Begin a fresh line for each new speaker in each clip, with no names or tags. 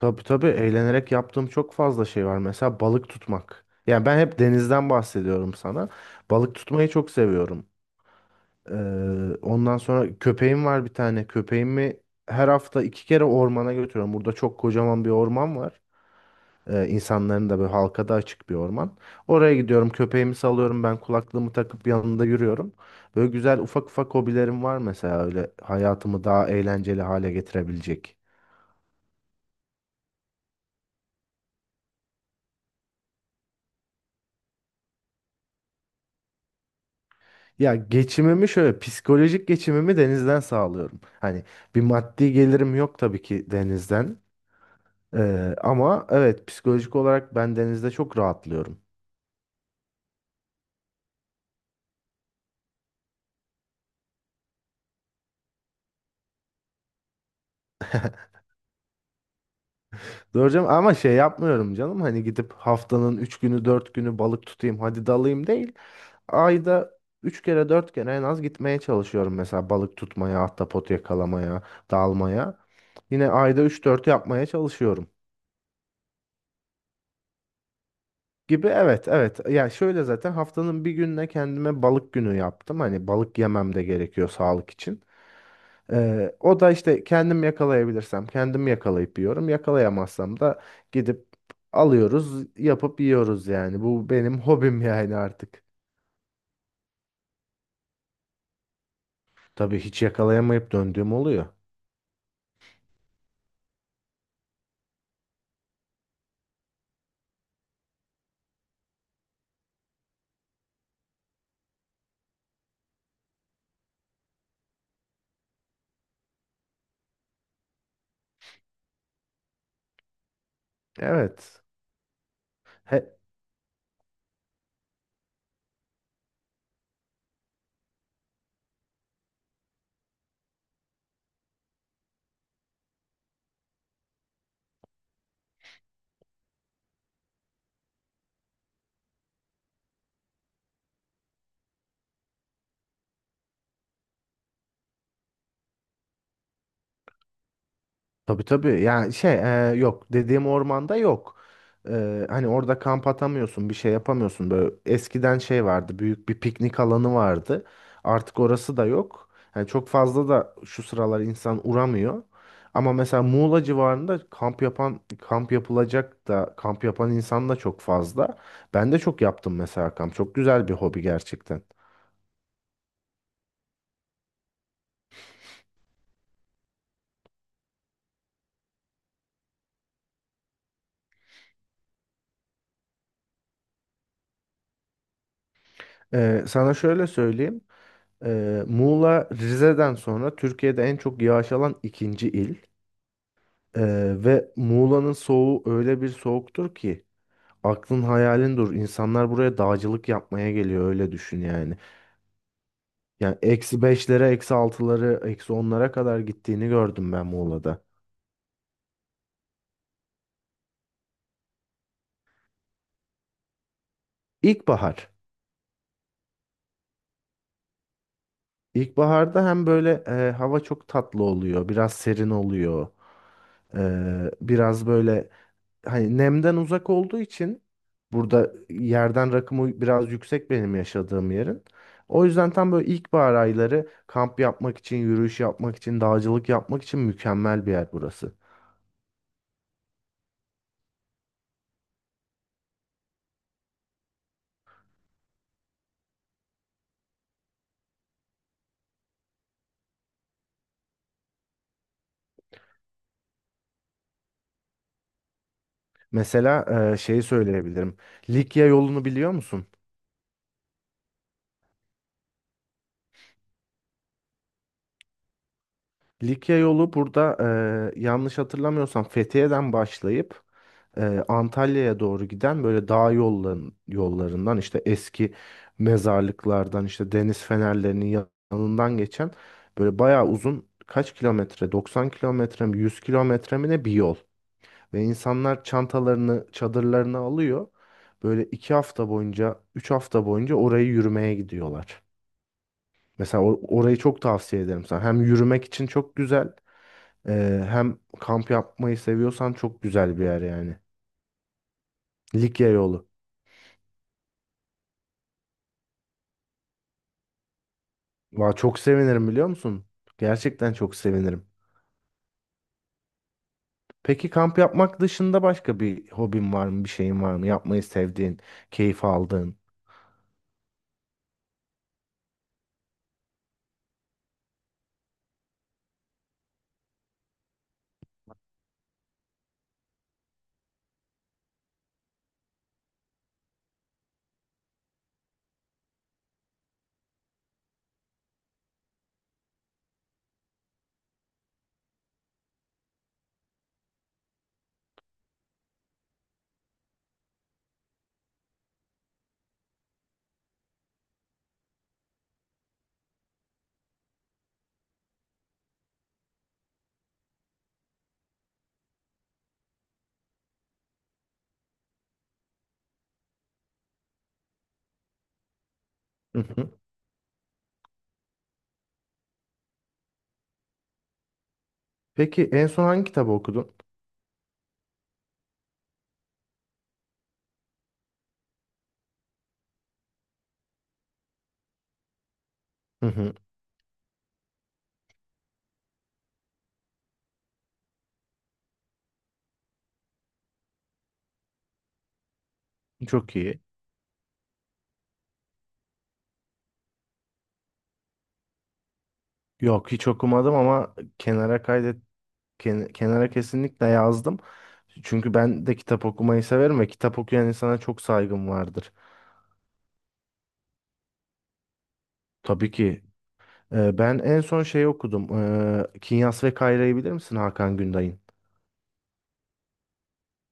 Tabii tabii eğlenerek yaptığım çok fazla şey var. Mesela balık tutmak. Yani ben hep denizden bahsediyorum sana. Balık tutmayı çok seviyorum. Ee, Ondan sonra köpeğim var bir tane. Köpeğimi her hafta iki kere ormana götürüyorum. Burada çok kocaman bir orman var. İnsanların da böyle halka da açık bir orman. Oraya gidiyorum köpeğimi salıyorum ben kulaklığımı takıp yanında yürüyorum. Böyle güzel ufak ufak hobilerim var mesela öyle hayatımı daha eğlenceli hale getirebilecek. Ya geçimimi şöyle psikolojik geçimimi denizden sağlıyorum. Hani bir maddi gelirim yok tabii ki denizden. Ama evet psikolojik olarak ben denizde çok rahatlıyorum. Doğru ama şey yapmıyorum canım hani gidip haftanın 3 günü 4 günü balık tutayım hadi dalayım değil. Ayda 3 kere 4 kere en az gitmeye çalışıyorum mesela balık tutmaya, ahtapot yakalamaya, dalmaya. Yine ayda üç dört yapmaya çalışıyorum. Gibi, evet evet. Ya şöyle zaten haftanın bir gününe kendime balık günü yaptım. Hani balık yemem de gerekiyor sağlık için. O da işte kendim yakalayabilirsem kendim yakalayıp yiyorum. Yakalayamazsam da gidip alıyoruz, yapıp yiyoruz yani. Bu benim hobim yani artık. Tabii hiç yakalayamayıp döndüğüm oluyor. Evet. He. Tabii tabii. Yok dediğim ormanda yok. E, hani orada kamp atamıyorsun, bir şey yapamıyorsun. Böyle eskiden şey vardı, büyük bir piknik alanı vardı. Artık orası da yok. Yani çok fazla da şu sıralar insan uğramıyor. Ama mesela Muğla civarında kamp yapan, kamp yapılacak da kamp yapan insan da çok fazla. Ben de çok yaptım mesela kamp. Çok güzel bir hobi gerçekten. E, sana şöyle söyleyeyim. E, Muğla Rize'den sonra Türkiye'de en çok yağış alan ikinci il. Ee, Ve Muğla'nın soğuğu öyle bir soğuktur ki aklın hayalin dur. İnsanlar buraya dağcılık yapmaya geliyor öyle düşün yani. Yani eksi beşlere, eksi altıları, eksi onlara kadar gittiğini gördüm ben Muğla'da. İlkbahar. İlkbaharda hem böyle hava çok tatlı oluyor, biraz serin oluyor. Biraz böyle hani nemden uzak olduğu için burada yerden rakımı biraz yüksek benim yaşadığım yerin. O yüzden tam böyle ilkbahar ayları kamp yapmak için, yürüyüş yapmak için, dağcılık yapmak için mükemmel bir yer burası. Mesela şeyi söyleyebilirim. Likya yolunu biliyor musun? Likya yolu burada yanlış hatırlamıyorsam Fethiye'den başlayıp e, Antalya'ya doğru giden böyle dağ yollarından işte eski mezarlıklardan işte deniz fenerlerinin yanından geçen böyle bayağı uzun kaç kilometre 90 kilometre mi 100 kilometre mi ne bir yol. Ve insanlar çantalarını çadırlarını alıyor. Böyle iki hafta boyunca, üç hafta boyunca orayı yürümeye gidiyorlar. Mesela orayı çok tavsiye ederim sana. Hem yürümek için çok güzel, hem kamp yapmayı seviyorsan çok güzel bir yer yani. Likya yolu. Valla çok sevinirim biliyor musun? Gerçekten çok sevinirim. Peki kamp yapmak dışında başka bir hobin var mı? Bir şeyin var mı? Yapmayı sevdiğin, keyif aldığın. Hı hı. Peki en son hangi kitabı okudun? Hı hı. Çok iyi. Yok hiç okumadım ama kenara kaydet kenara kesinlikle yazdım. Çünkü ben de kitap okumayı severim ve kitap okuyan insana çok saygım vardır. Tabii ki. Ben en son şey okudum. Kinyas ve Kayra'yı bilir misin Hakan Günday'ın?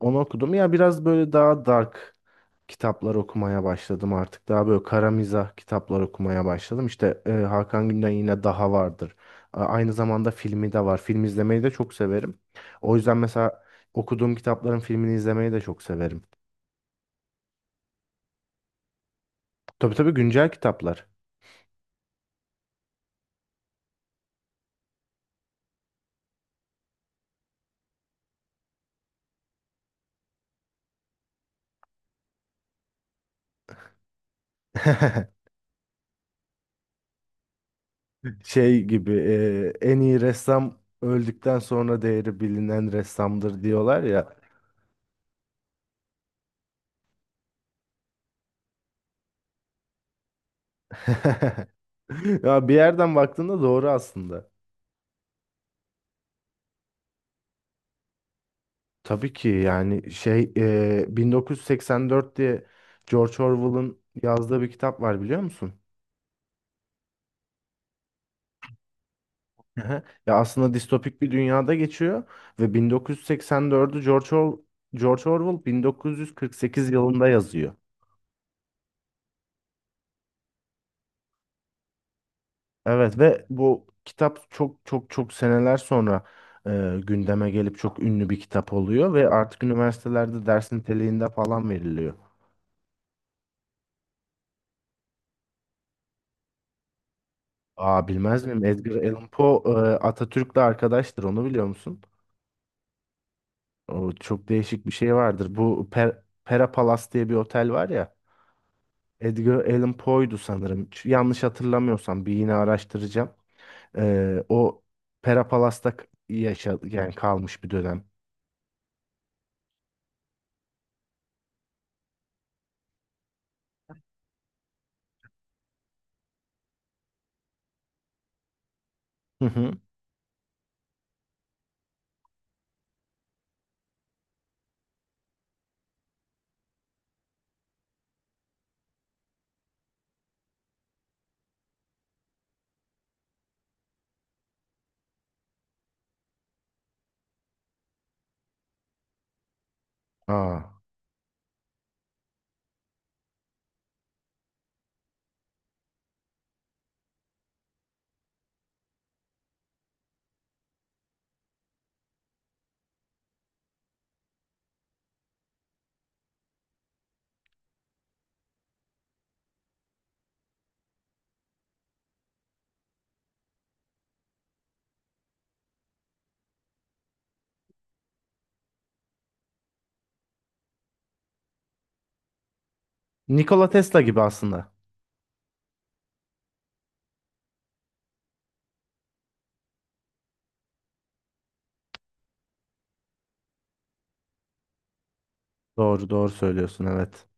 Onu okudum. Ya biraz böyle daha dark kitaplar okumaya başladım artık. Daha böyle kara mizah kitaplar okumaya başladım. İşte Hakan Günday'ın yine Daha vardır. Aynı zamanda filmi de var. Film izlemeyi de çok severim. O yüzden mesela okuduğum kitapların filmini izlemeyi de çok severim. Tabii tabii güncel kitaplar. Şey gibi en iyi ressam öldükten sonra değeri bilinen ressamdır diyorlar ya. Ya bir yerden baktığında doğru aslında. Tabii ki yani şey 1984 diye George Orwell'ın yazdığı bir kitap var biliyor musun? Ehe. Ya aslında distopik bir dünyada geçiyor ve George Orwell 1948 yılında yazıyor. Evet ve bu kitap çok çok çok seneler sonra e, gündeme gelip çok ünlü bir kitap oluyor ve artık üniversitelerde ders niteliğinde falan veriliyor. Aa bilmez miyim? Edgar Allan Poe Atatürk'le arkadaştır. Onu biliyor musun? O çok değişik bir şey vardır. Bu Pera Palace diye bir otel var ya. Edgar Allan Poe'ydu sanırım. Yanlış hatırlamıyorsam bir yine araştıracağım. E, o Pera Palace'da yaşa yani kalmış bir dönem. Hı hı. Aa. Nikola Tesla gibi aslında. Doğru doğru söylüyorsun, evet.